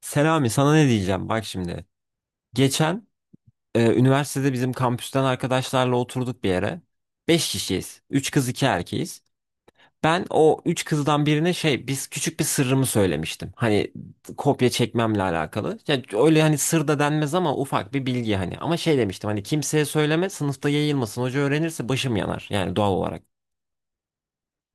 Selami sana ne diyeceğim bak şimdi. Geçen üniversitede bizim kampüsten arkadaşlarla oturduk bir yere. Beş kişiyiz. Üç kız 2 erkeğiz. Ben o 3 kızdan birine şey biz küçük bir sırrımı söylemiştim. Hani kopya çekmemle alakalı. Ya öyle hani sır da denmez ama ufak bir bilgi hani. Ama şey demiştim hani kimseye söyleme sınıfta yayılmasın. Hoca öğrenirse başım yanar yani doğal olarak.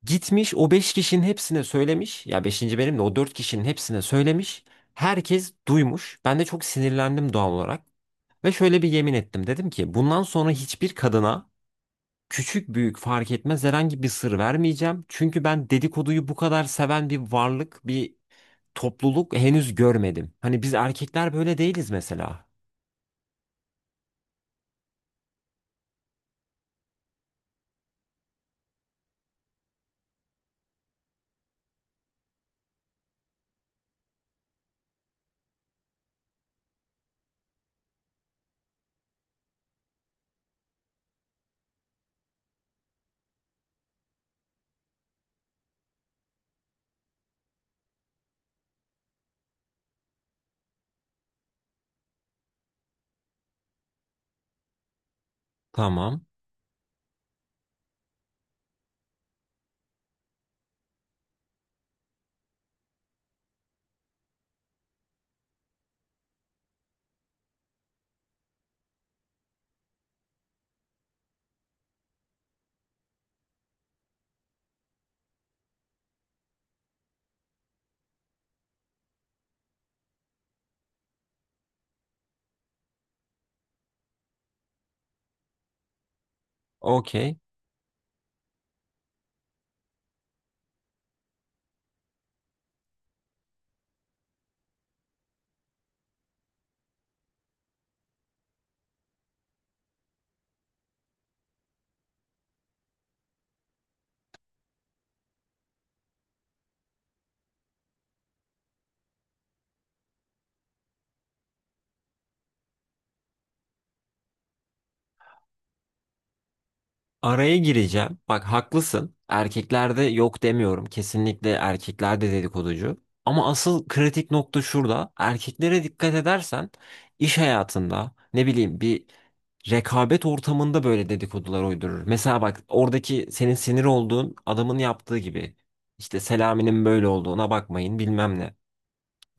Gitmiş o 5 kişinin hepsine söylemiş. Ya beşinci benim de o 4 kişinin hepsine söylemiş. Herkes duymuş. Ben de çok sinirlendim doğal olarak. Ve şöyle bir yemin ettim. Dedim ki bundan sonra hiçbir kadına küçük büyük fark etmez herhangi bir sır vermeyeceğim. Çünkü ben dedikoduyu bu kadar seven bir varlık, bir topluluk henüz görmedim. Hani biz erkekler böyle değiliz mesela. Tamam. Okey. Araya gireceğim. Bak haklısın. Erkeklerde yok demiyorum. Kesinlikle erkeklerde dedikoducu. Ama asıl kritik nokta şurada. Erkeklere dikkat edersen iş hayatında ne bileyim bir rekabet ortamında böyle dedikodular uydurur. Mesela bak oradaki senin sinir olduğun adamın yaptığı gibi. İşte Selami'nin böyle olduğuna bakmayın bilmem ne.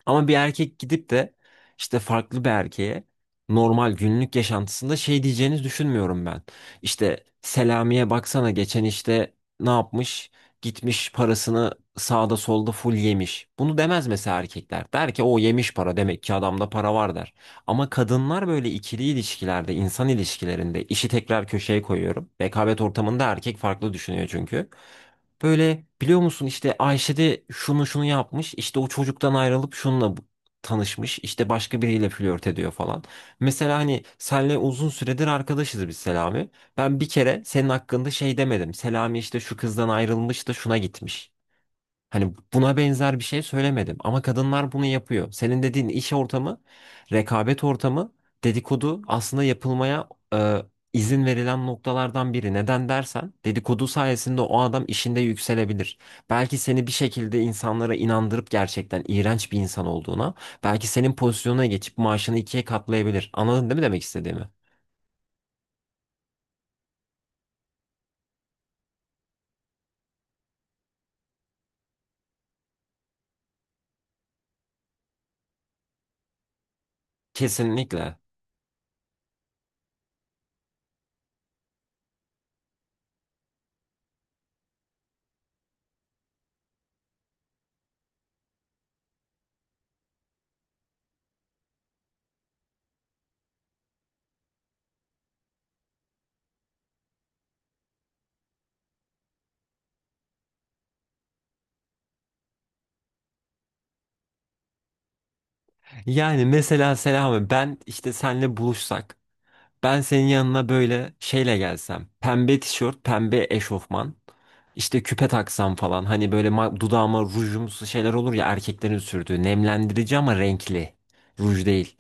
Ama bir erkek gidip de işte farklı bir erkeğe normal günlük yaşantısında şey diyeceğini düşünmüyorum ben. İşte Selami'ye baksana geçen işte ne yapmış? Gitmiş parasını sağda solda full yemiş. Bunu demez mesela erkekler. Der ki o yemiş para demek ki adamda para var der. Ama kadınlar böyle ikili ilişkilerde, insan ilişkilerinde işi tekrar köşeye koyuyorum. Rekabet ortamında erkek farklı düşünüyor çünkü. Böyle biliyor musun işte Ayşe de şunu şunu yapmış. İşte o çocuktan ayrılıp şununla tanışmış. İşte başka biriyle flört ediyor falan. Mesela hani senle uzun süredir arkadaşız biz Selami. Ben bir kere senin hakkında şey demedim. Selami işte şu kızdan ayrılmış da şuna gitmiş. Hani buna benzer bir şey söylemedim ama kadınlar bunu yapıyor. Senin dediğin iş ortamı, rekabet ortamı, dedikodu aslında yapılmaya e, izin verilen noktalardan biri. Neden dersen dedikodu sayesinde o adam işinde yükselebilir. Belki seni bir şekilde insanlara inandırıp gerçekten iğrenç bir insan olduğuna, belki senin pozisyonuna geçip maaşını ikiye katlayabilir. Anladın değil mi demek istediğimi? Kesinlikle. Yani mesela Selami ben işte senle buluşsak. Ben senin yanına böyle şeyle gelsem. Pembe tişört, pembe eşofman. İşte küpe taksam falan. Hani böyle dudağıma rujumsu şeyler olur ya erkeklerin sürdüğü. Nemlendirici ama renkli. Ruj değil.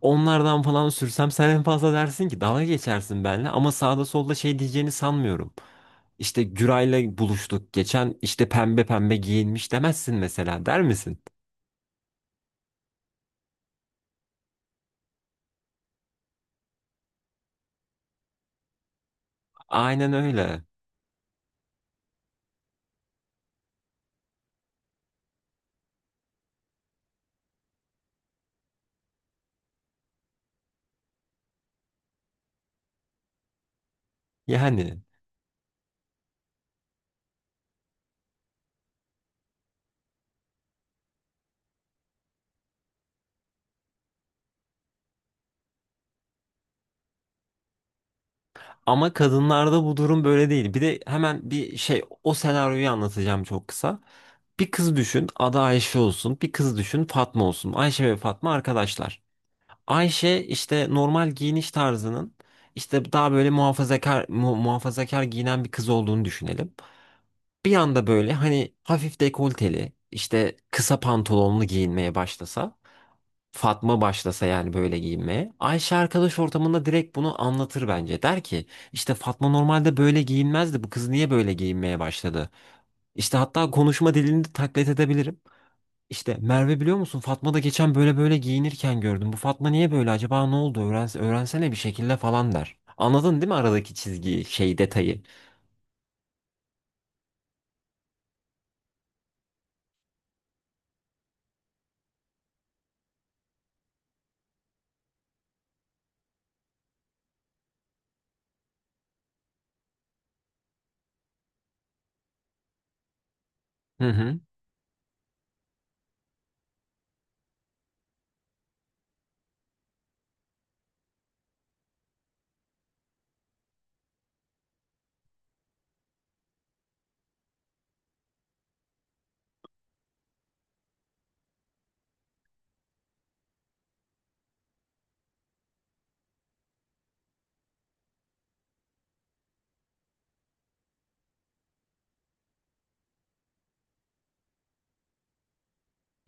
Onlardan falan sürsem sen en fazla dersin ki dalga geçersin benimle. Ama sağda solda şey diyeceğini sanmıyorum. İşte Güray'la buluştuk geçen işte pembe pembe giyinmiş demezsin mesela, der misin? Aynen öyle. Yani. Ama kadınlarda bu durum böyle değil. Bir de hemen bir şey o senaryoyu anlatacağım çok kısa. Bir kız düşün adı Ayşe olsun. Bir kız düşün Fatma olsun. Ayşe ve Fatma arkadaşlar. Ayşe işte normal giyiniş tarzının işte daha böyle muhafazakar giyinen bir kız olduğunu düşünelim. Bir anda böyle hani hafif dekolteli işte kısa pantolonlu giyinmeye başlasa. Fatma başlasa yani böyle giyinmeye. Ayşe arkadaş ortamında direkt bunu anlatır bence. Der ki işte Fatma normalde böyle giyinmezdi. Bu kız niye böyle giyinmeye başladı? İşte hatta konuşma dilini de taklit edebilirim. İşte Merve biliyor musun Fatma da geçen böyle böyle giyinirken gördüm. Bu Fatma niye böyle, acaba ne oldu? Öğren, öğrensene bir şekilde falan der. Anladın değil mi aradaki çizgiyi, şey detayı? Hı hı.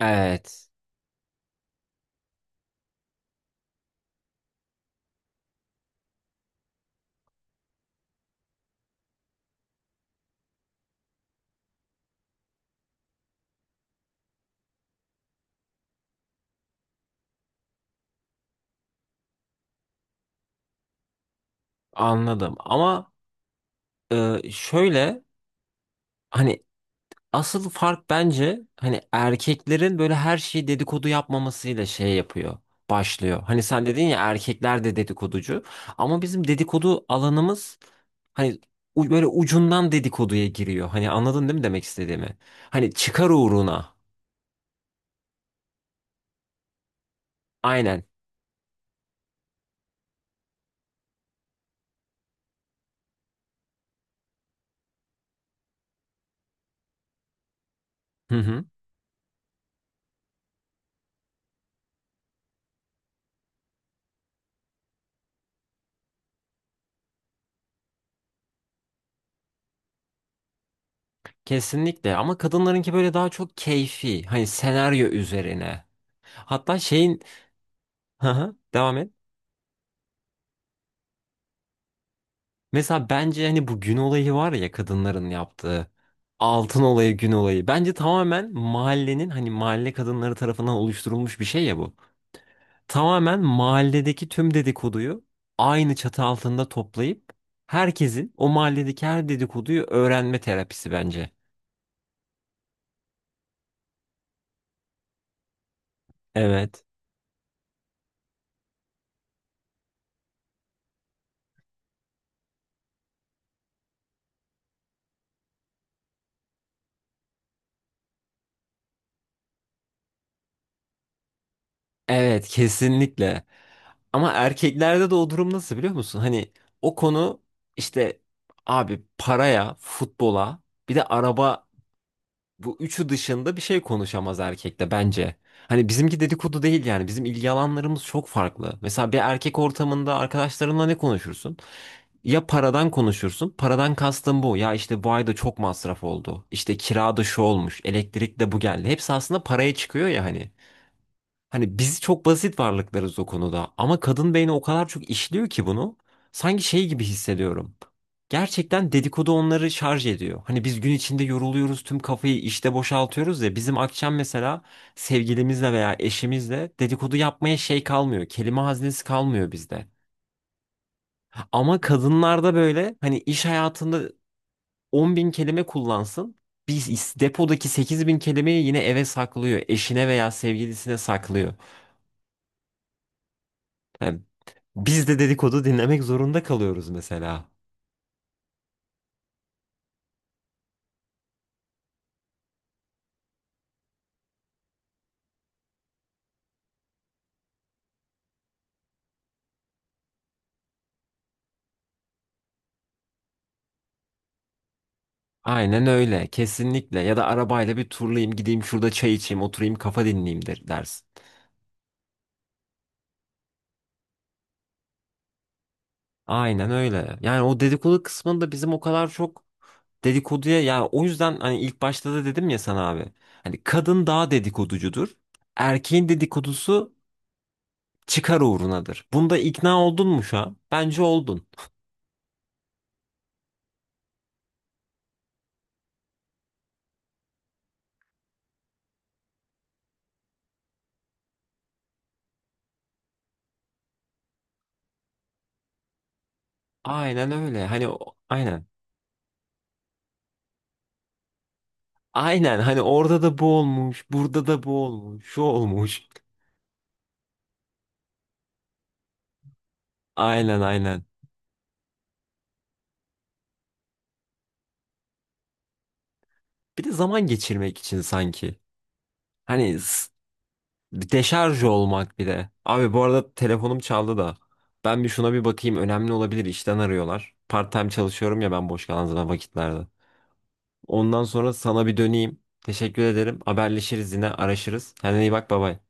Evet. Anladım. Ama şöyle, hani asıl fark bence hani erkeklerin böyle her şeyi dedikodu yapmamasıyla şey yapıyor. Başlıyor. Hani sen dedin ya erkekler de dedikoducu. Ama bizim dedikodu alanımız hani böyle ucundan dedikoduya giriyor. Hani anladın değil mi demek istediğimi? Hani çıkar uğruna. Aynen. Hı hı. Kesinlikle. Ama kadınlarınki böyle daha çok keyfi. Hani senaryo üzerine. Hatta şeyin... Hı hı. Devam et. Mesela bence hani bu gün olayı var ya kadınların yaptığı. Altın olayı, gün olayı. Bence tamamen mahallenin hani mahalle kadınları tarafından oluşturulmuş bir şey ya bu. Tamamen mahalledeki tüm dedikoduyu aynı çatı altında toplayıp herkesin o mahalledeki her dedikoduyu öğrenme terapisi bence. Evet. Evet, kesinlikle. Ama erkeklerde de o durum nasıl biliyor musun? Hani o konu işte abi paraya, futbola, bir de araba, bu üçü dışında bir şey konuşamaz erkekte bence. Hani bizimki dedikodu değil yani. Bizim ilgi alanlarımız çok farklı. Mesela bir erkek ortamında arkadaşlarınla ne konuşursun? Ya paradan konuşursun. Paradan kastım bu. Ya işte bu ayda çok masraf oldu. İşte kirada şu olmuş. Elektrik de bu geldi. Hepsi aslında paraya çıkıyor ya hani. Hani biz çok basit varlıklarız o konuda ama kadın beyni o kadar çok işliyor ki bunu sanki şey gibi hissediyorum. Gerçekten dedikodu onları şarj ediyor. Hani biz gün içinde yoruluyoruz, tüm kafayı işte boşaltıyoruz ya bizim akşam mesela sevgilimizle veya eşimizle dedikodu yapmaya şey kalmıyor. Kelime haznesi kalmıyor bizde. Ama kadınlarda böyle hani iş hayatında 10 bin kelime kullansın. Biz depodaki 8 bin kelimeyi yine eve saklıyor. Eşine veya sevgilisine saklıyor. Yani biz de dedikodu dinlemek zorunda kalıyoruz mesela. Aynen öyle. Kesinlikle. Ya da arabayla bir turlayayım, gideyim şurada çay içeyim, oturayım, kafa dinleyeyim, der, dersin. Aynen öyle. Yani o dedikodu kısmında bizim o kadar çok dedikoduya ya o yüzden hani ilk başta da dedim ya sana abi. Hani kadın daha dedikoducudur. Erkeğin dedikodusu çıkar uğrunadır. Bunda ikna oldun mu şu an? Bence oldun. Aynen öyle. Hani o- aynen. Aynen hani orada da bu olmuş, burada da bu olmuş, şu olmuş. Aynen aynen. Bir de zaman geçirmek için sanki. Hani deşarj olmak bir de. Abi bu arada telefonum çaldı da. Ben bir şuna bir bakayım önemli olabilir işten arıyorlar. Part time çalışıyorum ya ben boş kalan zaman vakitlerde. Ondan sonra sana bir döneyim. Teşekkür ederim. Haberleşiriz yine araşırız. Kendine iyi bak baba.